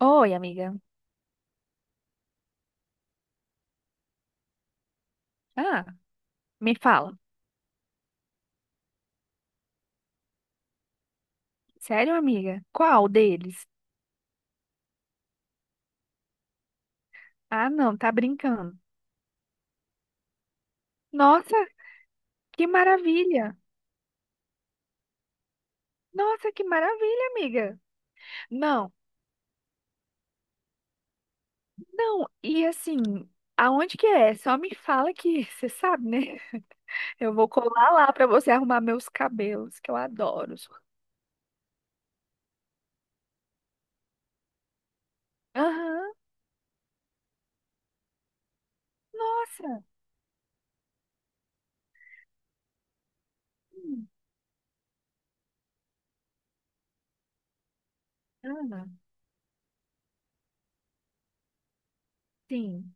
Oi, amiga. Ah, me fala. Sério, amiga? Qual deles? Ah, não, tá brincando. Nossa, que maravilha! Nossa, que maravilha, amiga! Não, não, e assim, aonde que é? Só me fala que você sabe, né? Eu vou colar lá pra você arrumar meus cabelos, que eu adoro. Aham, nossa! Hum, Ah, sim.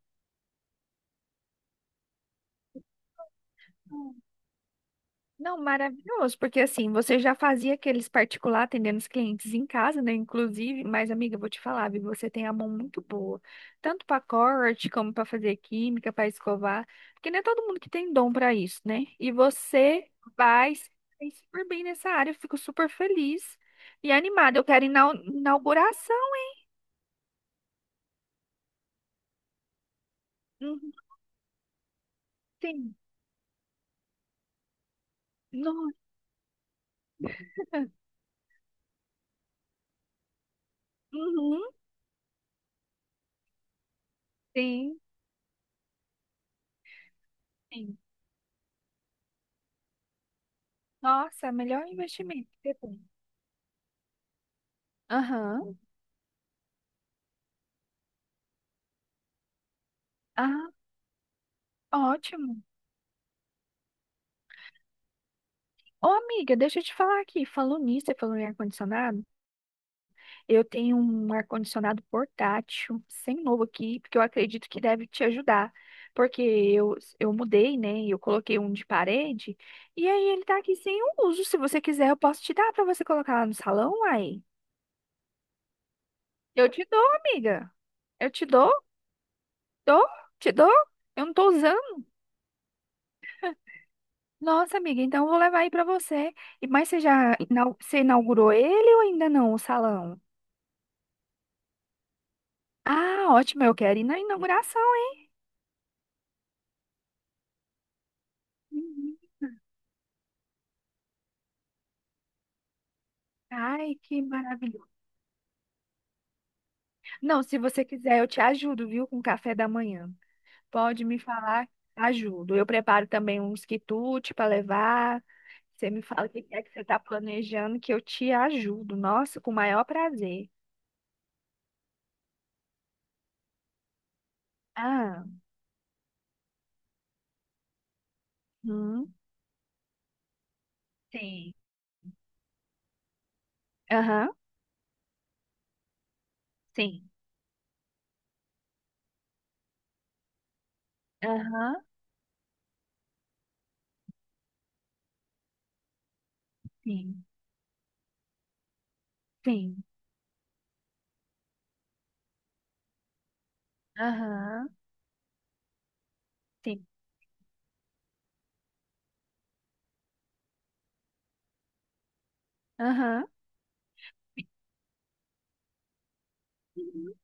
Não, maravilhoso, porque assim, você já fazia aqueles particular atendendo os clientes em casa, né? Inclusive, mas amiga, eu vou te falar, viu? Você tem a mão muito boa, tanto para corte, como para fazer química, para escovar, porque não é todo mundo que tem dom para isso, né? E você vai se sair super bem nessa área, eu fico super feliz e animada. Eu quero ir na inauguração. Uhum, sim. No, uhum, sim, sim. Nossa, melhor investimento que você tem. Aham, aham, ótimo. Ô, amiga, deixa eu te falar aqui. Falou nisso, você falou em ar-condicionado. Eu tenho um ar-condicionado portátil, sem novo aqui, porque eu acredito que deve te ajudar. Porque eu mudei, né? Eu coloquei um de parede, e aí ele tá aqui sem uso. Se você quiser, eu posso te dar pra você colocar lá no salão, aí. Eu te dou, amiga. Eu te dou, dou, te dou. Eu não tô usando. Nossa, amiga, então eu vou levar aí pra você. E- mas você já inau- você inaugurou ele ou ainda não, o salão? Ah, ótimo, eu quero ir na inauguração. Uhum. Ai, que maravilhoso. Não, se você quiser, eu te ajudo, viu, com o café da manhã. Pode me falar, ajudo. Eu preparo também uns quitutes para levar. Você me fala o que é que você está planejando, que eu te ajudo. Nossa, com o maior prazer. Ah, hum, sim. Aham, sim. Aham, sim. Sim. Aham, sim. Aham, sim.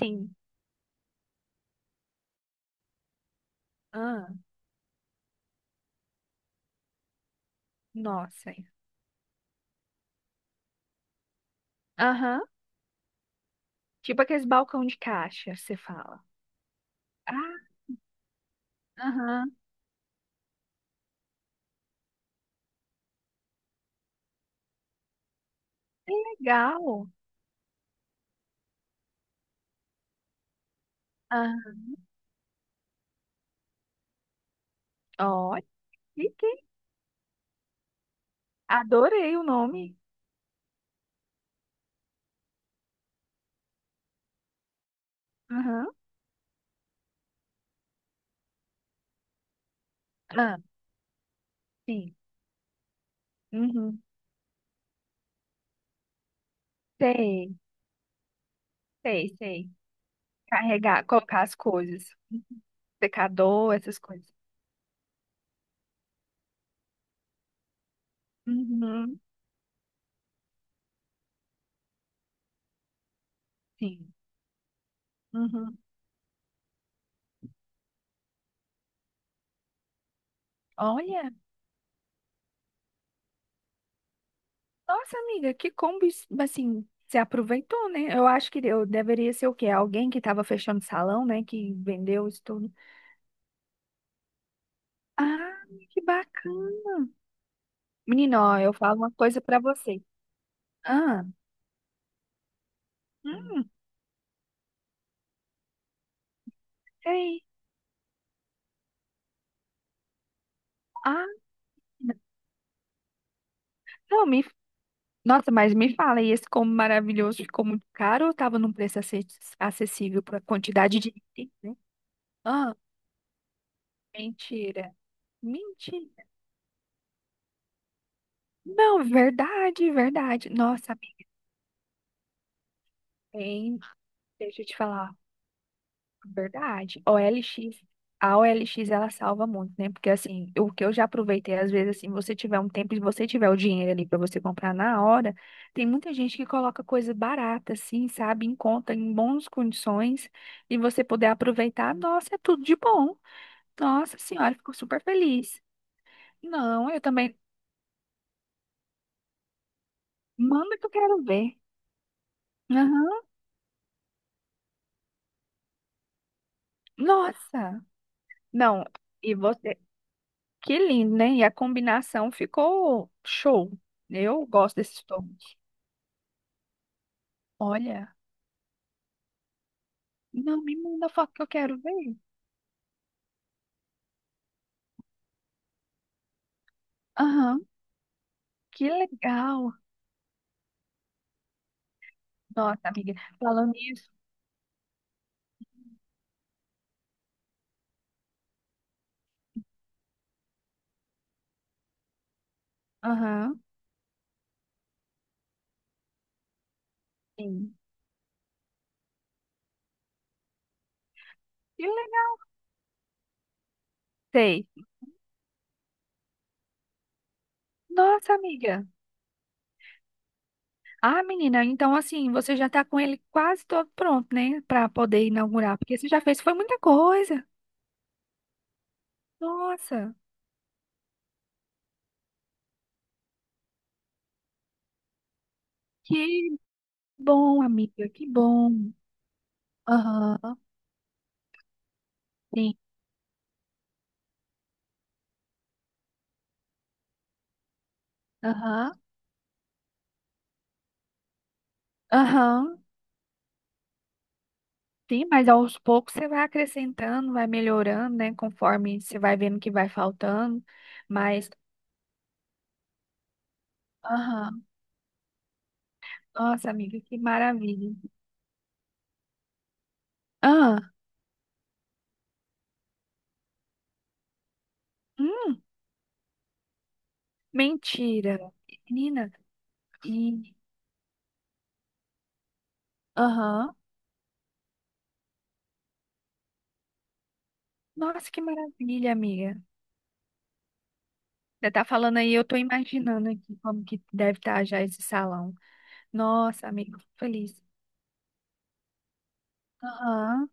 Sim. Ah. Nossa. Aham. Tipo aqueles balcão de caixa, você fala. Ah, aham. Que legal. Ah, ó, que, adorei o nome. Aham, ah, sim. Uhum. Sei, sei, sei. Carregar, colocar as coisas. Secador, essas coisas. Uhum, sim. Uhum. Olha, nossa amiga, que combo, es- assim, você aproveitou, né? Eu acho que eu deveria ser o quê? Alguém que estava fechando salão, né? Que vendeu isso tudo. Ah, que bacana. Menino, ó, eu falo uma coisa pra você. Ah, hum, sei. Ah, não, me... Nossa, mas me fala, e esse combo maravilhoso ficou muito caro ou tava num preço ace- acessível pra quantidade de item, né? Ah, mentira. Mentira. Não, verdade, verdade. Nossa, bem, deixa eu te falar. Verdade. O OLX, a OLX ela salva muito, né? Porque assim, o que eu já aproveitei, às vezes, assim, você tiver um tempo e você tiver o dinheiro ali para você comprar na hora, tem muita gente que coloca coisa barata, assim, sabe, em conta, em boas condições, e você poder aproveitar, nossa, é tudo de bom. Nossa senhora, fico super feliz. Não, eu também. Manda que eu quero ver. Aham. Nossa! Não, e você. Que lindo, né? E a combinação ficou show. Eu gosto desses tons. Olha, não, me manda foto que eu quero ver. Aham, que legal. Nossa, amiga, falando nisso. Aham, sim. Que legal. Sei. Nossa, amiga. Ah, menina, então assim, você já tá com ele quase todo pronto, né? Pra poder inaugurar, porque você já fez, foi muita coisa. Nossa, que bom, amiga, que bom. Aham, sim. Aham, aham. Sim, mas aos poucos você vai acrescentando, vai melhorando, né? Conforme você vai vendo que vai faltando. Mas, aham, nossa, amiga, que maravilha. Ah, hum, mentira. Menina, e, aham, nossa, que maravilha, amiga. Você tá falando aí, eu tô imaginando aqui como que deve estar já esse salão. Nossa, amiga, fico feliz. Aham,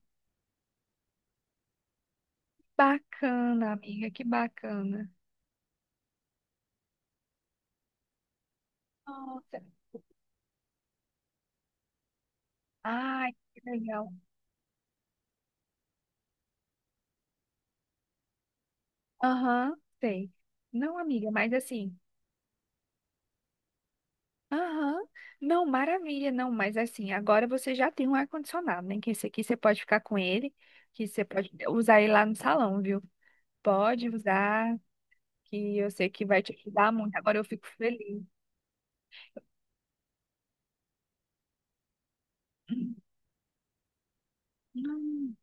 bacana, amiga, que bacana. Nossa, ai, que legal. Aham, sei. Não, amiga, mas assim. Aham. Não, maravilha, não, mas assim, agora você já tem um ar-condicionado, né? Que esse aqui você pode ficar com ele, que você pode usar ele lá no salão, viu? Pode usar, que eu sei que vai te ajudar muito. Agora eu fico feliz. Hum.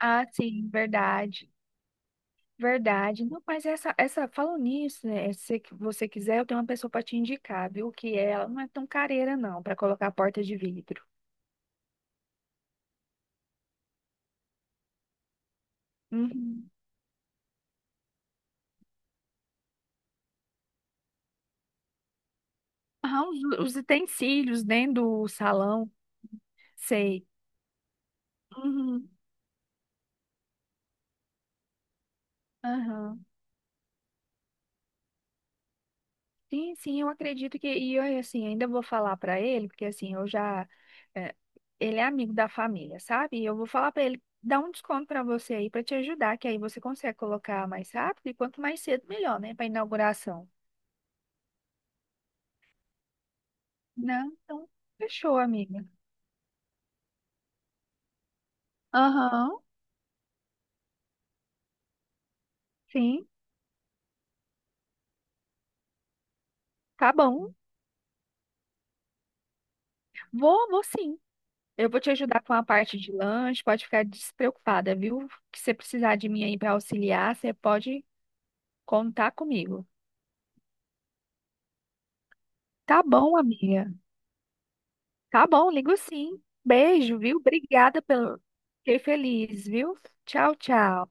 Ah, sim, verdade. Verdade. Não, mas essa, falando nisso, né? Se que você quiser, eu tenho uma pessoa para te indicar, viu? Que ela não é tão careira, não, para colocar a porta de vidro. Uhum. Ah, os utensílios dentro do salão, sei. Uhum. Aham. Sim, sim, eu acredito que. E eu, assim, ainda vou falar para ele, porque assim, eu já. É, ele é amigo da família, sabe? E eu vou falar para ele dar um desconto para você aí, para te ajudar, que aí você consegue colocar mais rápido e quanto mais cedo, melhor, né? Para inauguração. Não, então, fechou, amiga. Aham, sim, tá bom. Vou, vou sim. Eu vou te ajudar com a parte de lanche, pode ficar despreocupada, viu? Que se precisar de mim aí para auxiliar, você pode contar comigo. Tá bom, amiga. Tá bom, ligo sim. Beijo, viu? Obrigada pelo. Fiquei feliz, viu? Tchau, tchau.